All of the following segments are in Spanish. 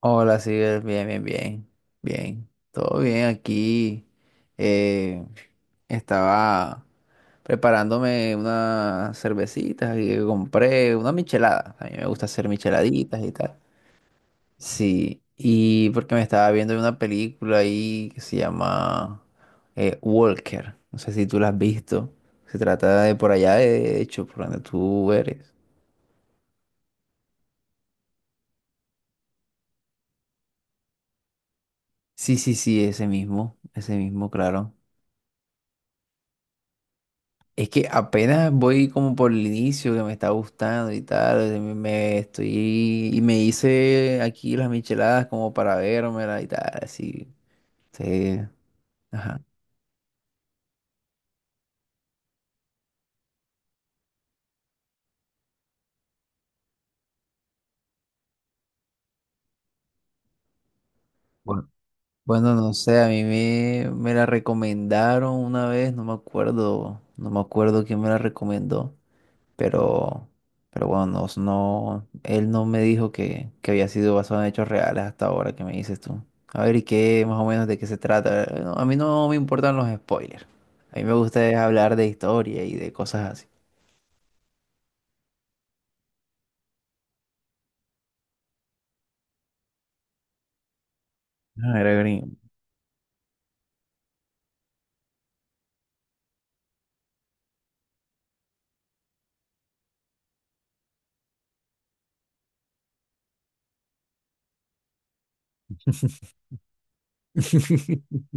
Hola, sí, bien, bien, todo bien aquí. eh, Estaba preparándome unas cervecitas y compré una michelada. A mí me gusta hacer micheladitas y tal. Sí, y porque me estaba viendo una película ahí que se llama Walker. No sé si tú la has visto. Se trata de por allá, de hecho, por donde tú eres. Sí, sí, sí, ese mismo, claro. Es que apenas voy como por el inicio que me está gustando y tal, me estoy y me hice aquí las micheladas como para vérmela y tal, así. Sí, ajá. Bueno, bueno, no sé, a mí me la recomendaron una vez, no me acuerdo quién me la recomendó. pero, pero bueno, él no me dijo que había sido basado en hechos reales hasta ahora, que me dices tú. A ver, ¿y qué más o menos de qué se trata? No, a mí no me importan los spoilers. A mí me gusta es hablar de historia y de cosas así. Ah, era gringo.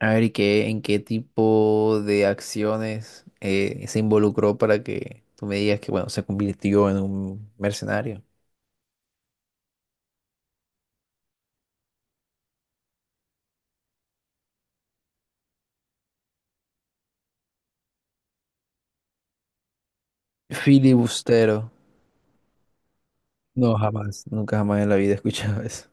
A ver, ¿y qué, en qué tipo de acciones se involucró para que tú me digas que, bueno, se convirtió en un mercenario? Filibustero. No, jamás. Nunca jamás en la vida he escuchado eso.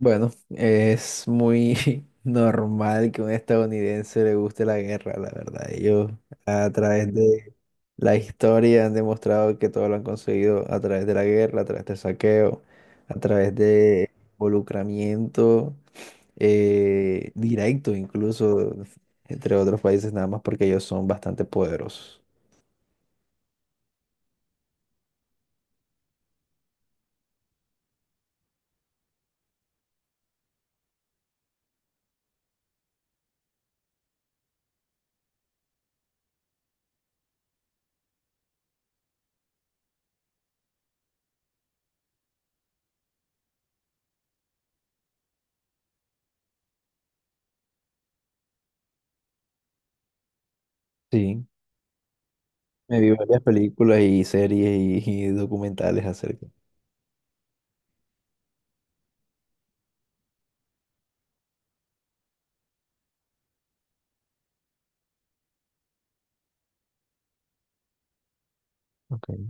Bueno, es muy normal que a un estadounidense le guste la guerra, la verdad. Ellos a través de la historia han demostrado que todo lo han conseguido a través de la guerra, a través del saqueo, a través de involucramiento directo incluso entre otros países, nada más porque ellos son bastante poderosos. Sí, me vi varias películas y series y documentales acerca. Okay.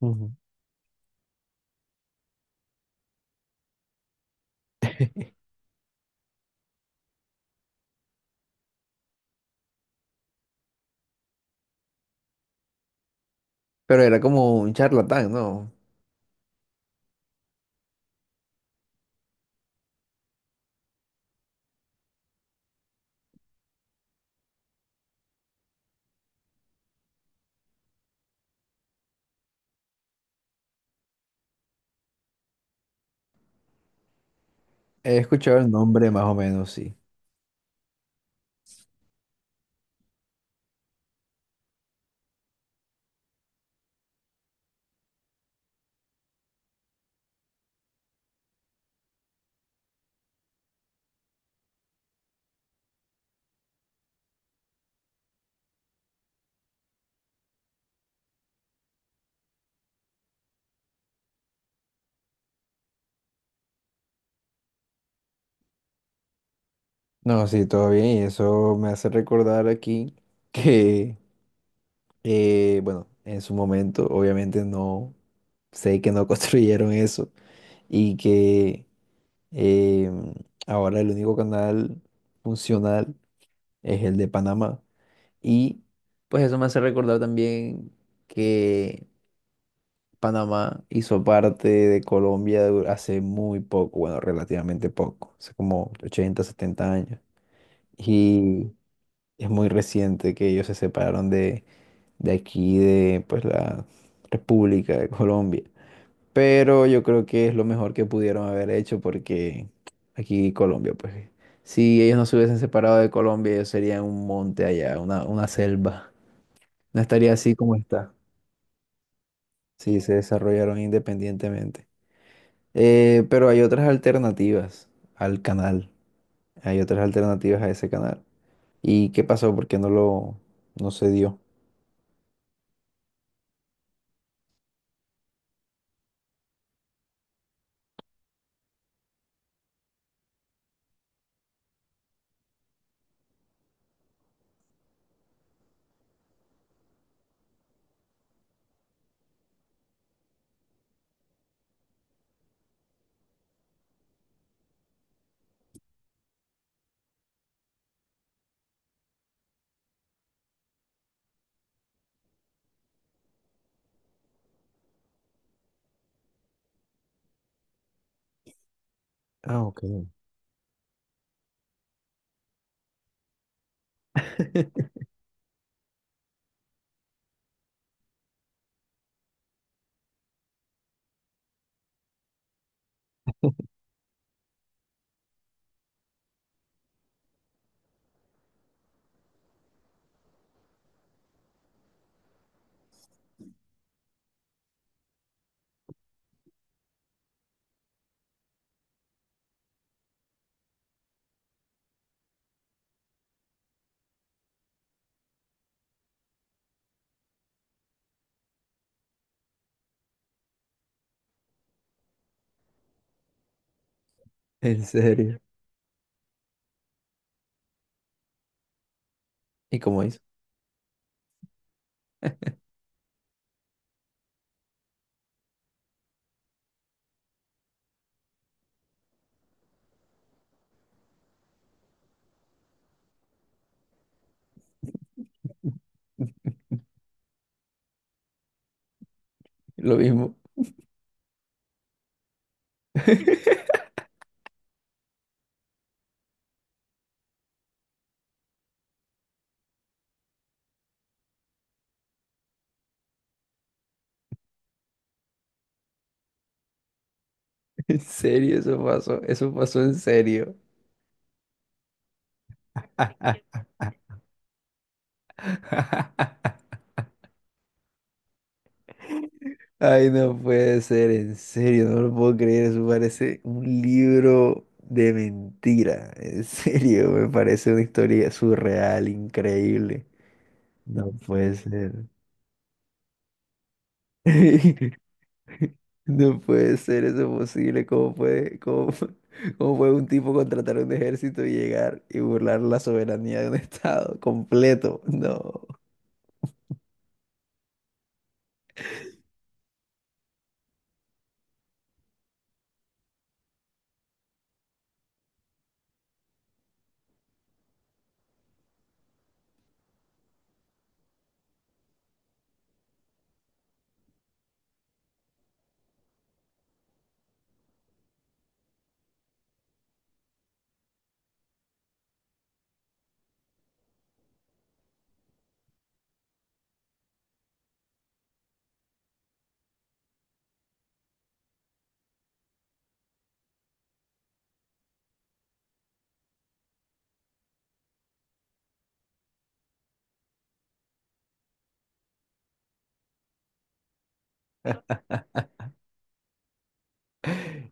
Ujú. Pero era como un charlatán, ¿no? He escuchado el nombre más o menos, sí. No, sí, todo bien. Y eso me hace recordar aquí que, bueno, en su momento obviamente no sé que no construyeron eso y que eh, ahora el único canal funcional es el de Panamá. Y pues eso me hace recordar también que Panamá hizo parte de Colombia du- hace muy poco, bueno, relativamente poco, hace como 80 70 años. Y es muy reciente que ellos se separaron de aquí, de pues la República de Colombia. Pero yo creo que es lo mejor que pudieron haber hecho porque aquí Colombia, pues si ellos no se hubiesen separado de Colombia, ellos serían un monte allá, una selva. No estaría así como está. Sí, se desarrollaron independientemente. Pero hay otras alternativas al canal. Hay otras alternativas a ese canal. ¿Y qué pasó? ¿Por qué no se dio? Ah, ok. En serio. ¿Y cómo hizo? Lo mismo. En serio, eso pasó. Eso pasó en serio. Ay, no puede ser, en serio, no lo puedo creer. Eso parece un libro de mentira. En serio, me parece una historia surreal, increíble. No puede ser. No puede ser eso posible. ¿Cómo puede, cómo, pu- cómo puede un tipo contratar un ejército y llegar y burlar la soberanía de un estado completo? No.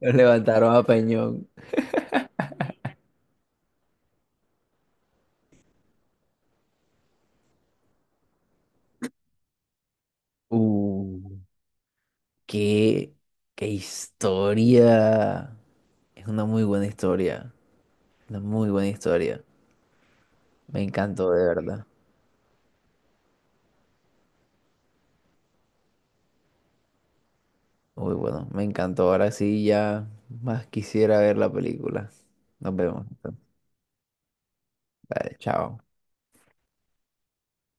Los levantaron a Peñón. Uh, qué, qué historia. Es una muy buena historia. Una muy buena historia. Me encantó de verdad. Muy bueno, me encantó. Ahora sí ya más quisiera ver la película. Nos vemos entonces. Dale, chao.